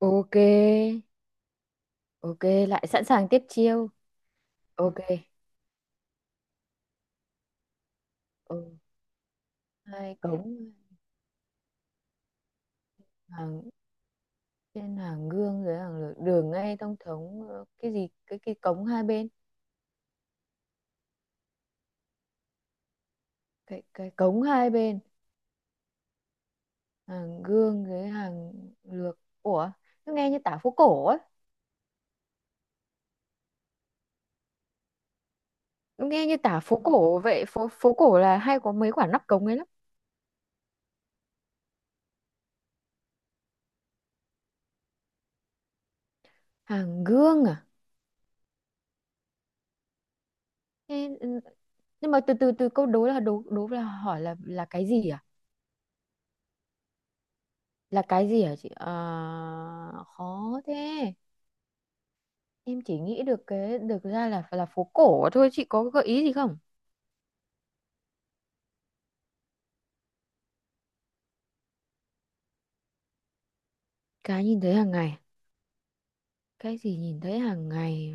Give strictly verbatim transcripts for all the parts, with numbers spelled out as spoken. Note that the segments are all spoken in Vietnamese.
Ok, ok, lại sẵn sàng tiếp chiêu. Ok, ừ. Hai cống hàng trên hàng gương dưới hàng lược, đường ngay thông thống, ờ, cái gì? Cái cái cống hai bên, cái cái cống hai bên, hàng gương dưới hàng lược. Ủa, nó nghe như tả phố cổ ấy, nó nghe như tả phố cổ vậy. Phố phố cổ là hay có mấy quả nắp cống ấy lắm. Hàng gương à? Thế, ừ, nhưng mà từ từ từ câu đố là đố, đố là hỏi, là là cái gì à? Là cái gì hả chị à? Khó thế. Em chỉ nghĩ được cái, được ra là là phố cổ thôi. Chị có gợi ý gì không? Cái nhìn thấy hàng ngày, cái gì nhìn thấy hàng ngày?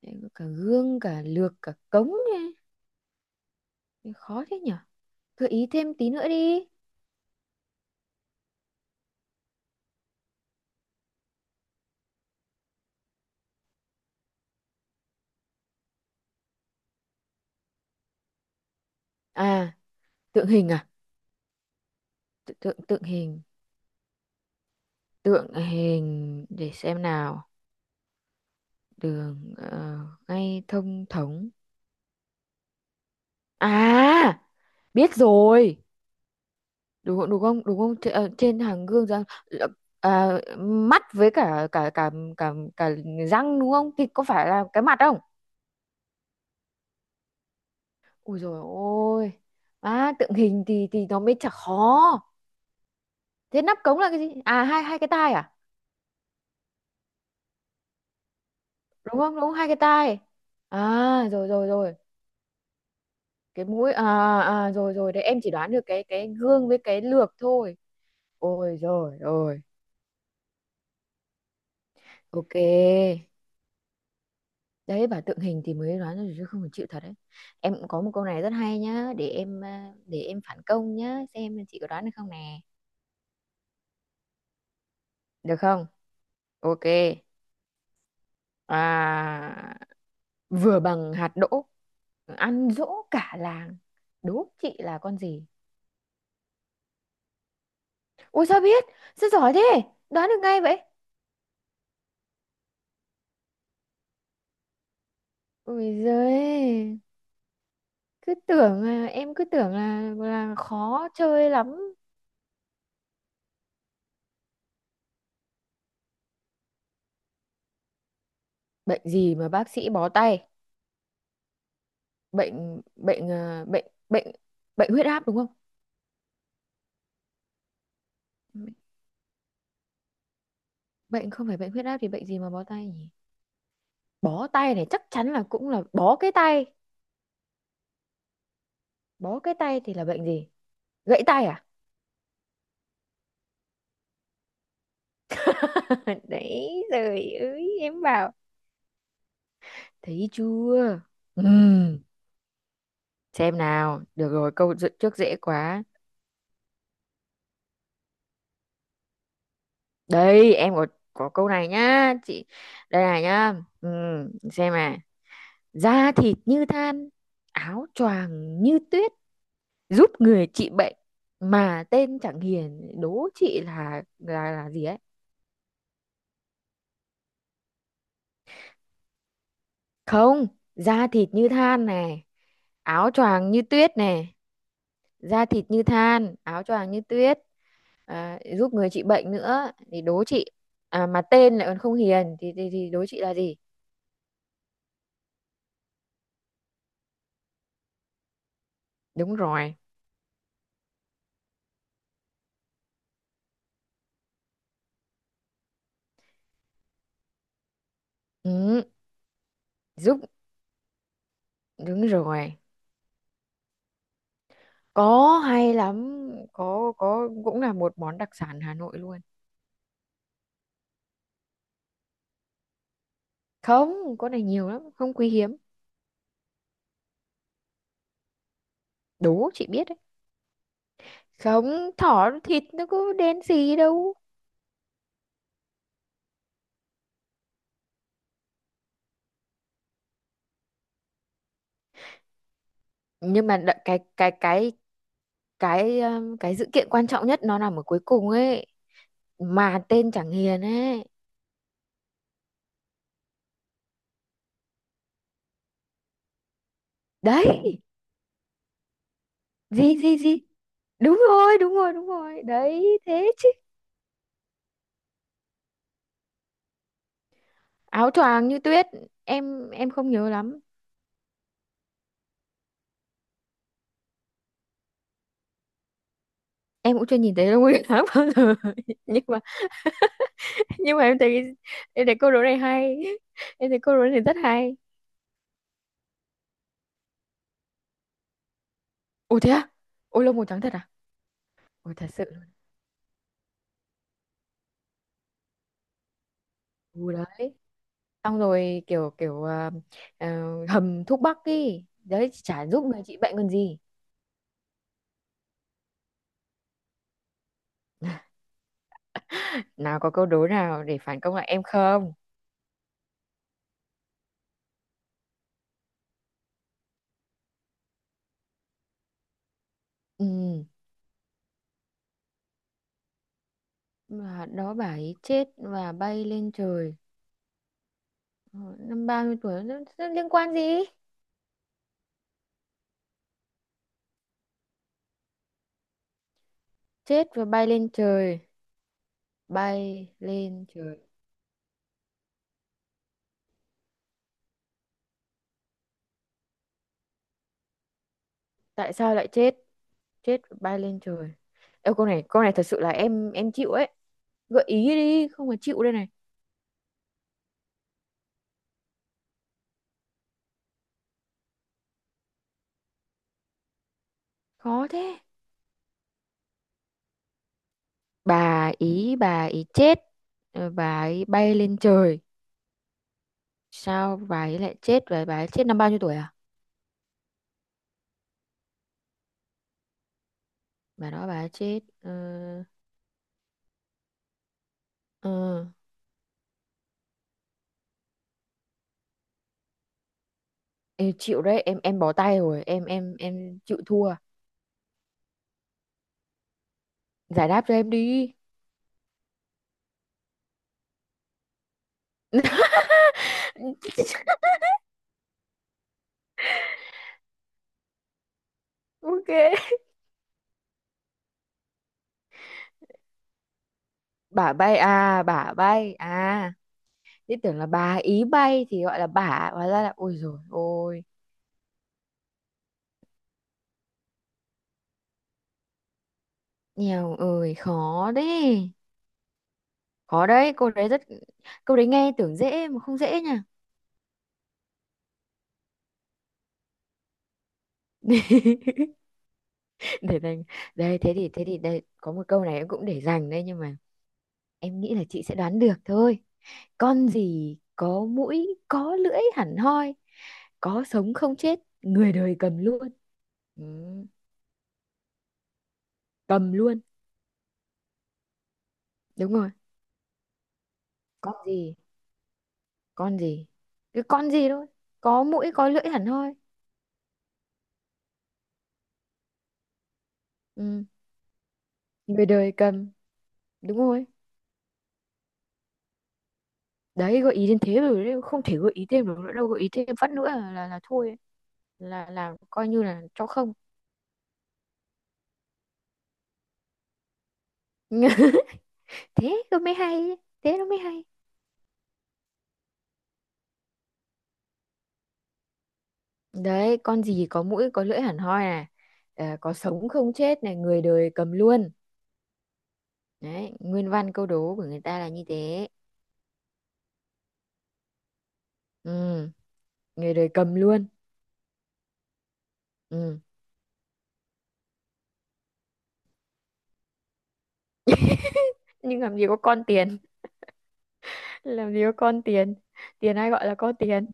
Em có cả gương, cả lược, cả cống ấy. Thế khó thế nhở, gợi ý thêm tí nữa đi. À, tượng hình à? Tự- tượng, tượng hình tượng hình để xem nào. Đường ờ, ngay thông thống. À, biết rồi. Đúng không? Đúng không đúng không Tr- ờ, trên hàng gương răng là- à, mắt với cả, cả cả cả cả răng. Đúng không? Thì có phải là cái mặt không? Ui rồi, ôi à, tượng hình thì thì nó mới chả khó. Thế nắp cống là cái gì à? Hai Hai cái tai à? Đúng không? đúng không hai cái tai. À rồi, rồi rồi Cái mũi à? À rồi rồi đấy. Em chỉ đoán được cái cái gương với cái lược thôi. Ôi rồi rồi. Ok, đấy, bà tượng hình thì mới đoán được chứ không phải chịu thật đấy. Em cũng có một câu này rất hay nhá, để em, à, để em phản công nhá, xem chị có đoán được không nè. Được không? Ok. À, vừa bằng hạt đỗ, ăn dỗ cả làng, đố chị là con gì? Ôi sao biết, sao giỏi thế, đoán được ngay vậy. Ôi giời, cứ tưởng là, em cứ tưởng là là khó chơi lắm. Bệnh gì mà bác sĩ bó tay? Bệnh bệnh à? Bệnh bệnh bệnh huyết áp đúng không? Bệnh, bệnh không phải bệnh huyết áp thì bệnh gì mà bó tay nhỉ? Bó tay này chắc chắn là cũng là bó cái tay. Bó cái tay thì là bệnh gì? Gãy tay à? Đấy rồi ơi, em bảo. Thấy chưa? Ừm, xem nào. Được rồi, câu dự- trước dễ quá. Đây, em có có câu này nhá, chị. Đây này nhá. Ừm, xem à. Da thịt như than, áo choàng như tuyết, giúp người trị bệnh mà tên chẳng hiền, đố chị là là là gì ấy? Không, da thịt như than này, áo choàng như tuyết này, da thịt như than, áo choàng như tuyết, à, giúp người trị bệnh nữa thì đố chị. À, mà tên lại còn không hiền thì thì, thì đố chị là gì? Đúng rồi. Ừ, giúp, đúng rồi. Có, hay lắm, có, có cũng là một món đặc sản Hà Nội luôn. Không, con này nhiều lắm, không quý hiếm. Đố chị biết đấy. Không, thỏ thịt nó có đen gì đâu. Nhưng mà đợi, cái cái cái cái um, cái sự kiện quan trọng nhất nó nằm ở cuối cùng ấy, mà tên chẳng hiền ấy. Đấy, gì gì gì đúng rồi đúng rồi đúng rồi đấy thế chứ. Áo choàng như tuyết. Em em không nhớ lắm. Em cũng chưa nhìn thấy đâu, Nguyên tháng bao giờ. Nhưng mà, nhưng mà em thấy, em thấy câu đố này hay, em thấy câu đố này rất hay. Ủa thế à? Ôi lông màu trắng thật à? Ôi thật sự luôn. Ủa. Đấy, xong rồi, kiểu kiểu ờ, ờ, hầm thuốc bắc ý đấy, chả giúp người trị bệnh còn gì. Nào, có câu đố nào để phản công lại em không? Ừ, mà đó bà ấy chết và bay lên trời. Ờ, năm ba mươi tuổi nó, nó liên quan gì? Chết và bay lên trời, bay lên trời, tại sao lại chết? Chết và bay lên trời. Ê, câu này, câu này thật sự là em, em chịu ấy. Gợi ý đi, không mà chịu đây này. Khó thế. Bà ý, bà ý chết, ờ, bà ấy bay lên trời. Sao bà ấy lại chết và bà ấy chết năm bao nhiêu tuổi à? Bà đó bà ấy chết. Ờ, ờ, em chịu đấy, em em bó tay rồi, em em em chịu thua. Giải đáp cho em đi. Ok. Bả bay à? Bả bay à? Thế tưởng là bà ý bay thì gọi là bả, hóa ra là, ôi rồi ôi. Nghèo ơi khó đấy, khó đấy cô đấy, rất câu đấy nghe tưởng dễ mà không dễ nha. Để dành. Đây thế thì, thế thì đây có một câu này em cũng để dành đây, nhưng mà em nghĩ là chị sẽ đoán được thôi. Con gì có mũi có lưỡi hẳn hoi, có sống không chết, người đời cầm luôn. Ừ, cầm luôn. Đúng rồi. Con gì? Con gì cái con gì thôi? Có mũi có lưỡi hẳn hoi. Ừ, người đời cầm. Đúng rồi đấy, gợi ý đến thế rồi đấy, không thể gợi ý thêm được nữa đâu, gợi ý thêm phát nữa là là, là thôi ấy. là là coi như là cho không. Thế nó mới hay, thế nó mới hay. Đấy, con gì có mũi có lưỡi hẳn hoi à? Ờ, có sống không chết này, người đời cầm luôn. Đấy, nguyên văn câu đố của người ta là như thế. Ừ, người đời cầm luôn. Ừ. Nhưng làm gì có con tiền. Làm gì có con tiền. Tiền ai gọi là có tiền?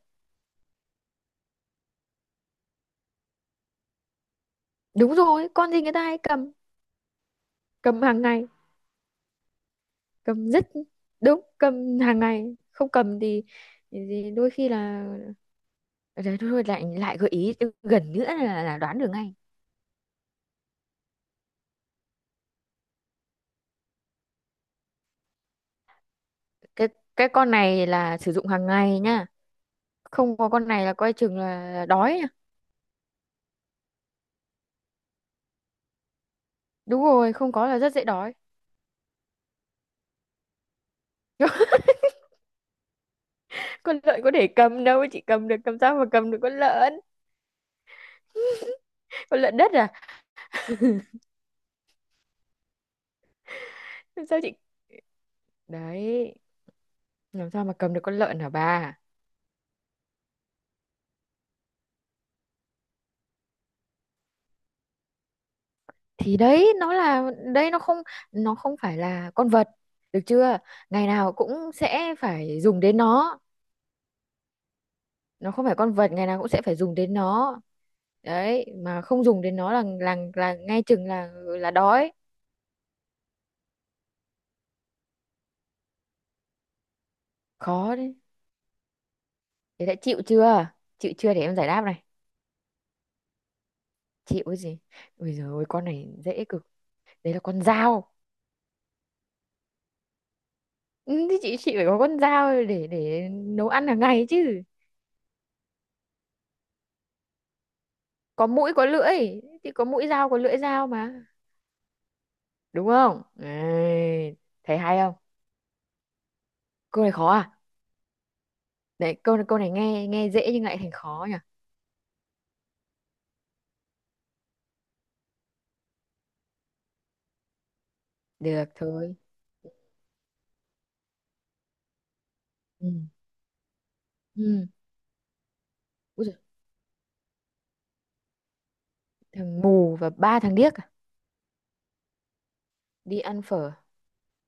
Đúng rồi, con gì người ta hay cầm, cầm hàng ngày. Cầm rất đúng cầm hàng ngày. Không cầm thì, thì đôi khi là, đấy thôi thôi, lại lại gợi ý gần nữa là, là đoán được ngay. cái cái con này là sử dụng hàng ngày nha, không có con này là coi chừng là đói nha. Đúng rồi, không có là rất dễ đói. Con lợn có để cầm đâu chị, cầm được, cầm sao mà cầm được con lợn. Con lợn đất à? Làm sao chị, đấy, làm sao mà cầm được con lợn hả bà. Thì đấy, nó là đây, nó không, nó không phải là con vật, được chưa? Ngày nào cũng sẽ phải dùng đến nó nó không phải con vật, ngày nào cũng sẽ phải dùng đến nó đấy, mà không dùng đến nó là là là ngay chừng là là đói khó đấy. Thế đã chịu chưa? Chịu chưa để em giải đáp này? Chịu cái gì? Ôi giời ơi, con này dễ cực. Đấy là con dao. Ừ, thì chị, chị phải có con dao để để nấu ăn hàng ngày chứ. Có mũi có lưỡi thì có mũi dao có lưỡi dao mà. Đúng không? Đấy, thấy hay không? Câu này khó à? Đấy, câu câu này nghe nghe dễ nhưng lại thành khó nhỉ. Được thôi. Ừ. Ừ. Úi giời, thằng mù và ba thằng điếc à? Đi ăn phở,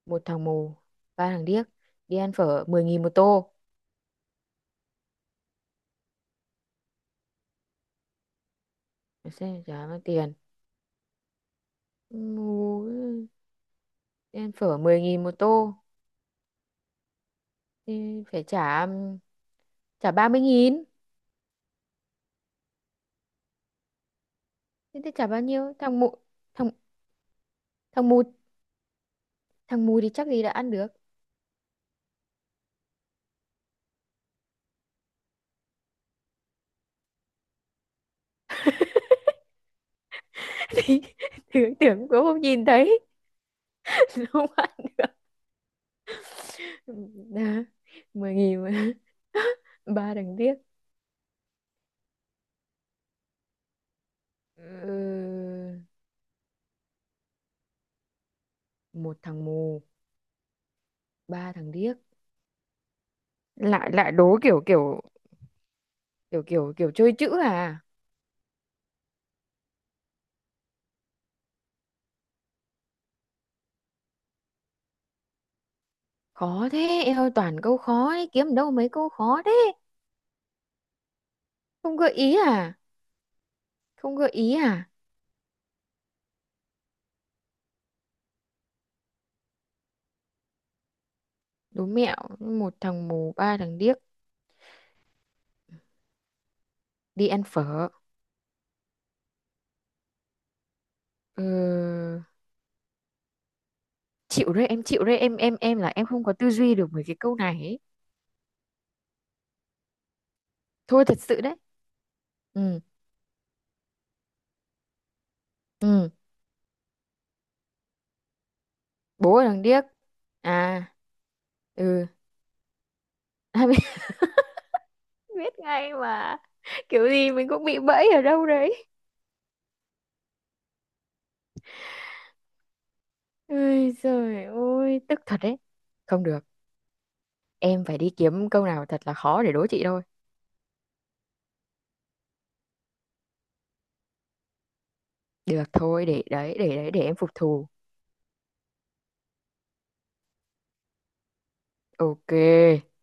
một thằng mù, ba thằng điếc, đi ăn phở mười nghìn một tô. Để xem trả bao tiền. Mú, em phở mười nghìn một tô thì phải trả um, trả ba mươi nghìn. Thế thì trả bao nhiêu? Thằng mụ, Thằng thằng mù. Thằng mù thì chắc gì đã ăn được. Thì tưởng, tưởng cũng không nhìn thấy. Nó không ăn được. Đó, mười nghìn mà. Ba thằng điếc. Ừ, một thằng mù, ba thằng điếc. Lại lại đố kiểu, kiểu Kiểu kiểu kiểu chơi chữ à? Khó thế, em ơi, toàn câu khó ấy, kiếm đâu mấy câu khó thế. Không gợi ý à? Không gợi ý à? Đố mẹo, một thằng mù, ba thằng điếc, đi ăn phở. Ờ, chịu đấy, em chịu đấy, em, em em là em không có tư duy được mấy cái câu này ấy. Thôi thật sự đấy. Ừ, ừ, bố là thằng điếc. À, ừ. À, biết, biết ngay mà. Kiểu gì mình cũng bị bẫy ở đâu đấy. Ôi trời ơi, tức thật đấy. Không được. Em phải đi kiếm câu nào thật là khó để đố chị thôi. Được thôi. Để đấy, để đấy để em phục thù. Ok.